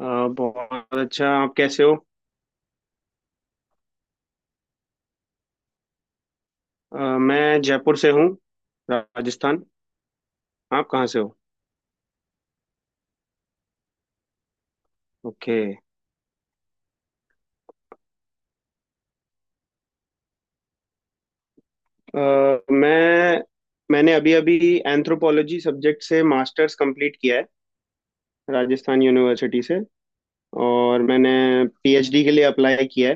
अ, बहुत अच्छा। आप कैसे हो? मैं जयपुर से हूँ, राजस्थान। आप कहाँ से हो? ओके। अ, मैं मैंने अभी अभी एंथ्रोपोलॉजी सब्जेक्ट से मास्टर्स कंप्लीट किया है, राजस्थान यूनिवर्सिटी से। और मैंने पीएचडी के लिए अप्लाई किया है,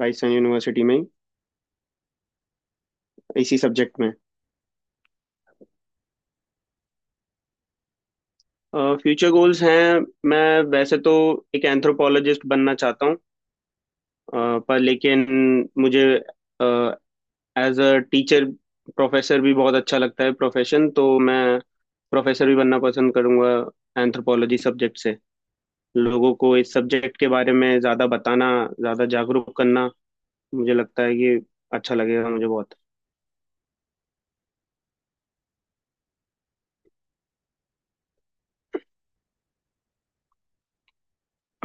राजस्थान यूनिवर्सिटी में ही, इसी सब्जेक्ट में। फ्यूचर गोल्स हैं, मैं वैसे तो एक एंथ्रोपोलॉजिस्ट बनना चाहता हूँ। पर लेकिन मुझे एज अ टीचर, प्रोफेसर भी बहुत अच्छा लगता है, प्रोफेशन तो। मैं प्रोफेसर भी बनना पसंद करूंगा, एंथ्रोपोलॉजी सब्जेक्ट से। लोगों को इस सब्जेक्ट के बारे में ज़्यादा बताना, ज़्यादा जागरूक करना मुझे लगता है कि अच्छा लगेगा मुझे बहुत।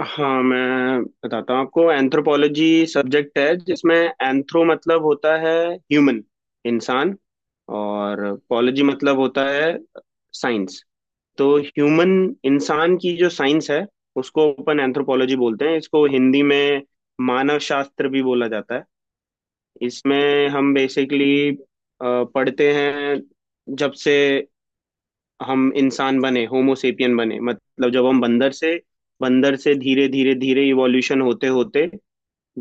हाँ मैं बताता हूँ आपको। एंथ्रोपोलॉजी सब्जेक्ट है जिसमें एंथ्रो मतलब होता है ह्यूमन, इंसान। और पॉलोजी मतलब होता है साइंस। तो ह्यूमन, इंसान की जो साइंस है उसको ओपन एंथ्रोपोलॉजी बोलते हैं। इसको हिंदी में मानव शास्त्र भी बोला जाता है। इसमें हम बेसिकली पढ़ते हैं जब से हम इंसान बने, होमोसेपियन बने। मतलब जब हम बंदर से धीरे धीरे धीरे इवोल्यूशन होते होते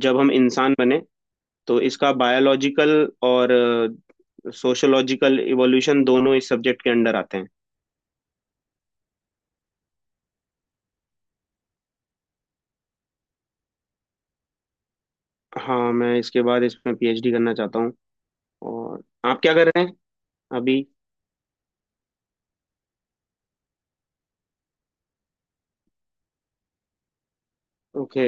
जब हम इंसान बने, तो इसका बायोलॉजिकल और सोशोलॉजिकल इवोल्यूशन दोनों इस सब्जेक्ट के अंडर आते हैं। हाँ मैं इसके बाद इसमें पीएचडी करना चाहता हूँ। और आप क्या कर रहे हैं अभी? ओके।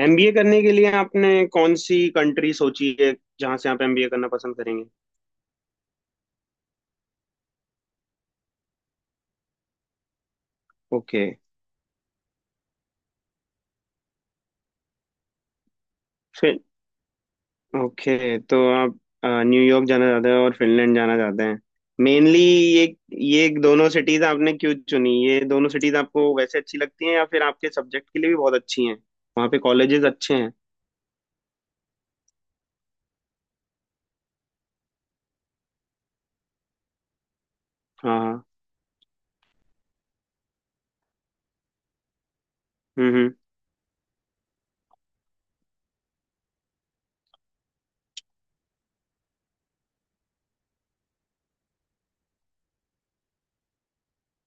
एमबीए करने के लिए आपने कौन सी कंट्री सोची है, जहां से आप एमबीए करना पसंद करेंगे? ओके। फिर। ओके, तो आप न्यूयॉर्क जाना चाहते हैं और फिनलैंड जाना चाहते हैं, मेनली ये। ये दोनों सिटीज आपने क्यों चुनी? ये दोनों सिटीज आपको वैसे अच्छी लगती हैं या फिर आपके सब्जेक्ट के लिए भी बहुत अच्छी हैं, वहाँ पे कॉलेजेस अच्छे हैं? हाँ हाँ। हम्म।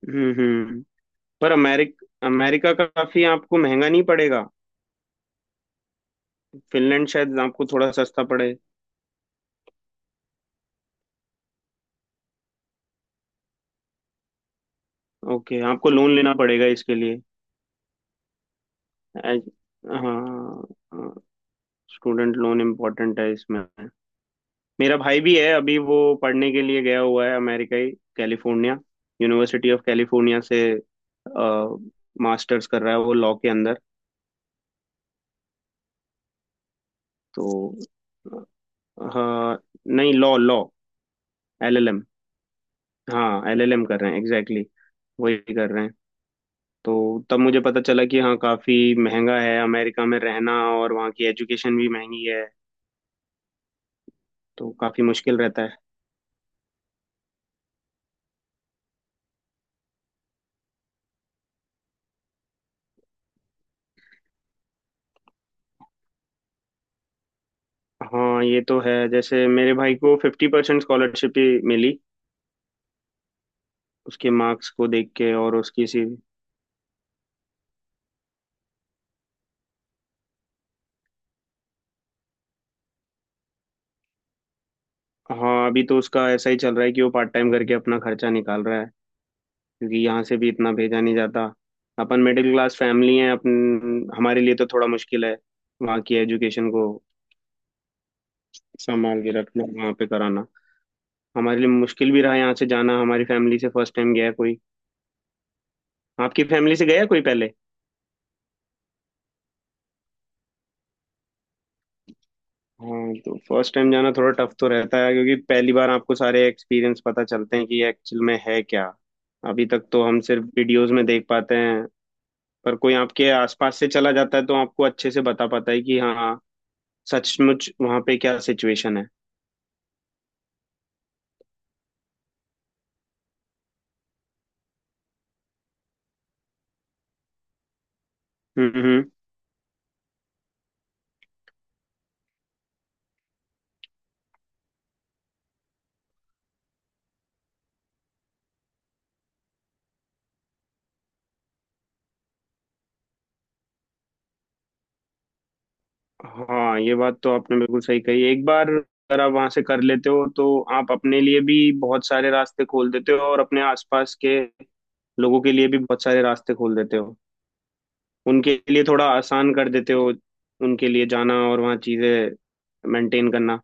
हम्म। पर अमेरिका का काफी आपको महंगा नहीं पड़ेगा? फिनलैंड शायद आपको थोड़ा सस्ता पड़े। ओके, आपको लोन लेना पड़ेगा इसके लिए। एज- हाँ, स्टूडेंट लोन इम्पोर्टेंट है इसमें। मेरा भाई भी है, अभी वो पढ़ने के लिए गया हुआ है अमेरिका ही, कैलिफोर्निया। यूनिवर्सिटी ऑफ कैलिफोर्निया से मास्टर्स कर रहा है वो, लॉ के अंदर। तो हाँ। नहीं, लॉ लॉ, एलएलएम। हाँ एलएलएम कर रहे हैं, एग्जैक्टली वही कर रहे हैं। तो तब मुझे पता चला कि हाँ काफी महंगा है अमेरिका में रहना, और वहाँ की एजुकेशन भी महंगी है, तो काफी मुश्किल रहता है। हाँ ये तो है। जैसे मेरे भाई को 50% स्कॉलरशिप ही मिली, उसके मार्क्स को देख के और उसकी सी। हाँ अभी तो उसका ऐसा ही चल रहा है कि वो पार्ट टाइम करके अपना खर्चा निकाल रहा है, क्योंकि यहाँ से भी इतना भेजा नहीं जाता। अपन मिडिल क्लास फैमिली है अपन, हमारे लिए तो थोड़ा मुश्किल है वहाँ की एजुकेशन को संभाल के रखना, वहाँ पे कराना। हमारे लिए मुश्किल भी रहा यहाँ से जाना, हमारी फैमिली से फर्स्ट टाइम गया कोई। आपकी फैमिली से गया कोई पहले? हाँ, तो फर्स्ट टाइम जाना थोड़ा टफ तो रहता है, क्योंकि पहली बार आपको सारे एक्सपीरियंस पता चलते हैं कि एक्चुअल में है क्या। अभी तक तो हम सिर्फ वीडियोस में देख पाते हैं, पर कोई आपके आसपास से चला जाता है तो आपको अच्छे से बता पाता है कि हाँ सचमुच वहाँ पे क्या सिचुएशन है। हम्म हम्म। हाँ ये बात तो आपने बिल्कुल सही कही। एक बार अगर आप वहाँ से कर लेते हो तो आप अपने लिए भी बहुत सारे रास्ते खोल देते हो, और अपने आसपास के लोगों के लिए भी बहुत सारे रास्ते खोल देते हो। उनके लिए थोड़ा आसान कर देते हो, उनके लिए जाना और वहाँ चीज़ें मेंटेन करना।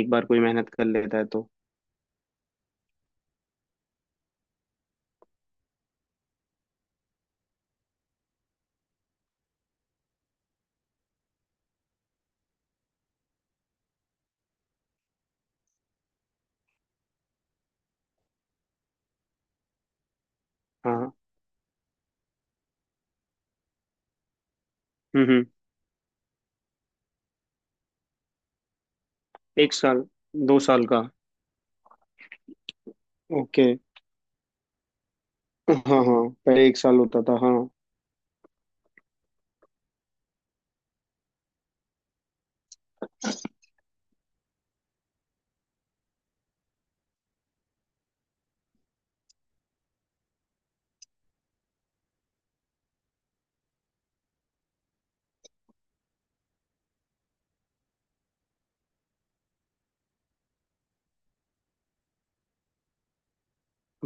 एक बार कोई मेहनत कर लेता है तो। हाँ। हम्म। 1 साल, 2 साल का। ओके। हाँ हाँ, पहले 1 साल होता था हाँ।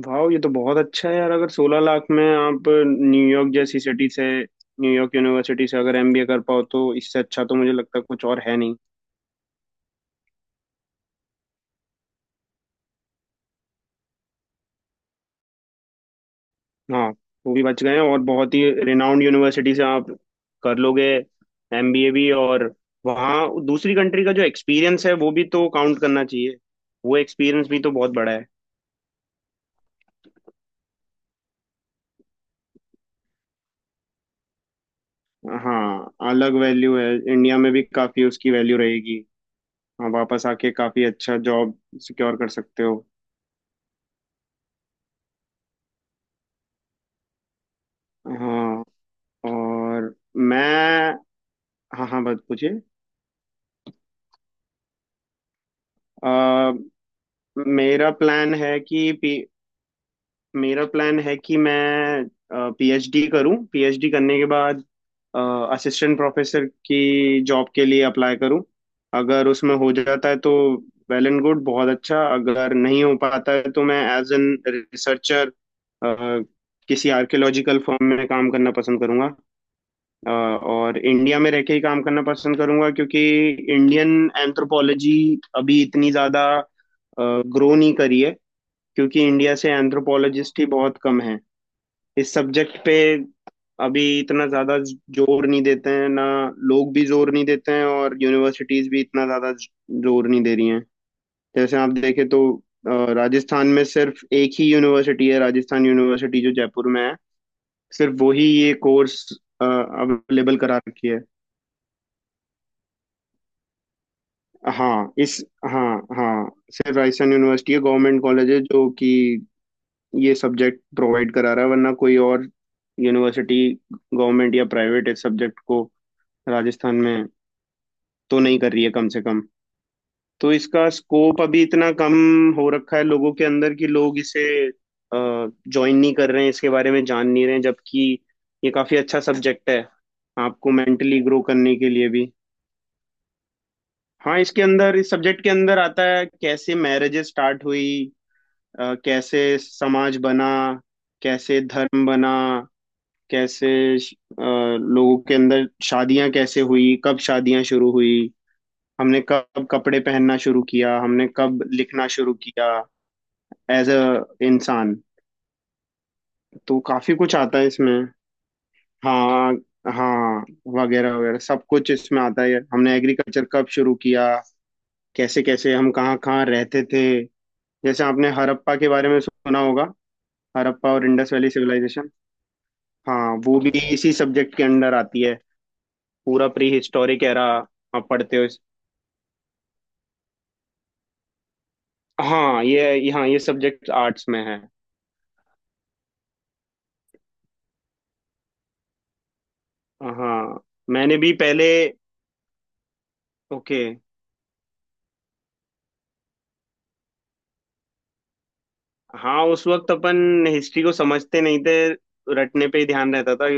वाह, ये तो बहुत अच्छा है यार। अगर 16 लाख में आप न्यूयॉर्क जैसी सिटी से, न्यूयॉर्क यूनिवर्सिटी से अगर एमबीए कर पाओ तो इससे अच्छा तो मुझे लगता है कुछ और है नहीं। हाँ वो भी बच गए हैं और बहुत ही रिनाउंड यूनिवर्सिटी से आप कर लोगे एमबीए भी। और वहाँ दूसरी कंट्री का जो एक्सपीरियंस है वो भी तो काउंट करना चाहिए। वो एक्सपीरियंस भी तो बहुत बड़ा है। हाँ अलग वैल्यू है, इंडिया में भी काफी उसकी वैल्यू रहेगी। हाँ, वापस आके काफी अच्छा जॉब सिक्योर कर सकते हो। हाँ और मैं। हाँ हाँ, बात पूछिए। अ, मेरा प्लान है कि मेरा प्लान है कि मैं पीएचडी करूं। पीएचडी करने के बाद असिस्टेंट प्रोफेसर की जॉब के लिए अप्लाई करूं। अगर उसमें हो जाता है तो वेल एंड गुड, बहुत अच्छा। अगर नहीं हो पाता है तो मैं एज एन रिसर्चर किसी आर्कियोलॉजिकल फर्म में काम करना पसंद करूंगा। और इंडिया में रह के ही काम करना पसंद करूंगा, क्योंकि इंडियन एंथ्रोपोलॉजी अभी इतनी ज़्यादा ग्रो नहीं करी है। क्योंकि इंडिया से एंथ्रोपोलॉजिस्ट ही बहुत कम है इस सब्जेक्ट पे। अभी इतना ज्यादा जोर नहीं देते हैं ना, लोग भी जोर नहीं देते हैं और यूनिवर्सिटीज भी इतना ज्यादा जोर नहीं दे रही हैं। जैसे आप देखें तो, राजस्थान में सिर्फ एक ही यूनिवर्सिटी है, राजस्थान यूनिवर्सिटी जो जयपुर में है, सिर्फ वही ये कोर्स अवेलेबल करा रखी है। हाँ इस हाँ हाँ, सिर्फ राजस्थान यूनिवर्सिटी है, गवर्नमेंट कॉलेज है जो कि ये सब्जेक्ट प्रोवाइड करा रहा है। वरना कोई और यूनिवर्सिटी, गवर्नमेंट या प्राइवेट, इस सब्जेक्ट को राजस्थान में तो नहीं कर रही है कम से कम। तो इसका स्कोप अभी इतना कम हो रखा है लोगों के अंदर कि लोग इसे ज्वाइन नहीं कर रहे हैं, इसके बारे में जान नहीं रहे हैं। जबकि ये काफी अच्छा सब्जेक्ट है आपको मेंटली ग्रो करने के लिए भी। हाँ, इसके अंदर, इस सब्जेक्ट के अंदर आता है कैसे मैरिजेस स्टार्ट हुई, कैसे समाज बना, कैसे धर्म बना, कैसे श- लोगों के अंदर शादियां कैसे हुई, कब शादियां शुरू हुई, हमने कब कपड़े पहनना शुरू किया, हमने कब लिखना शुरू किया एज अ इंसान। तो काफी कुछ आता है इसमें। हाँ हाँ। वगैरह वगैरह, सब कुछ इसमें आता है। हमने एग्रीकल्चर कब शुरू किया, कैसे कैसे हम कहाँ कहाँ रहते थे। जैसे आपने हड़प्पा के बारे में सुना होगा, हड़प्पा और इंडस वैली सिविलाइजेशन। हाँ वो भी इसी सब्जेक्ट के अंदर आती है। पूरा प्री हिस्टोरिक एरा आप पढ़ते हो हाँ हाँ ये सब्जेक्ट आर्ट्स में है। हाँ मैंने भी पहले। ओके। हाँ उस वक्त अपन हिस्ट्री को समझते नहीं थे, रटने पे ही ध्यान रहता था।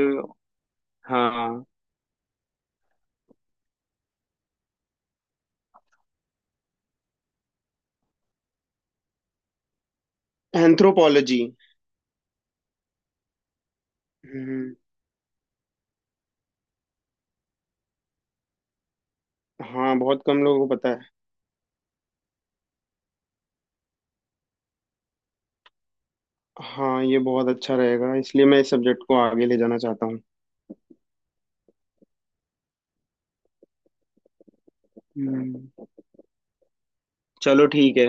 हाँ। एंथ्रोपोलॉजी। हम्म। हाँ बहुत कम लोगों को पता है। हाँ ये बहुत अच्छा रहेगा, इसलिए मैं इस सब्जेक्ट को आगे ले जाना चाहता हूँ। हम्म। चलो ठीक है।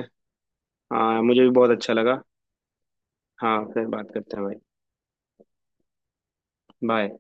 हाँ मुझे भी बहुत अच्छा लगा। हाँ फिर बात करते हैं भाई। बाय।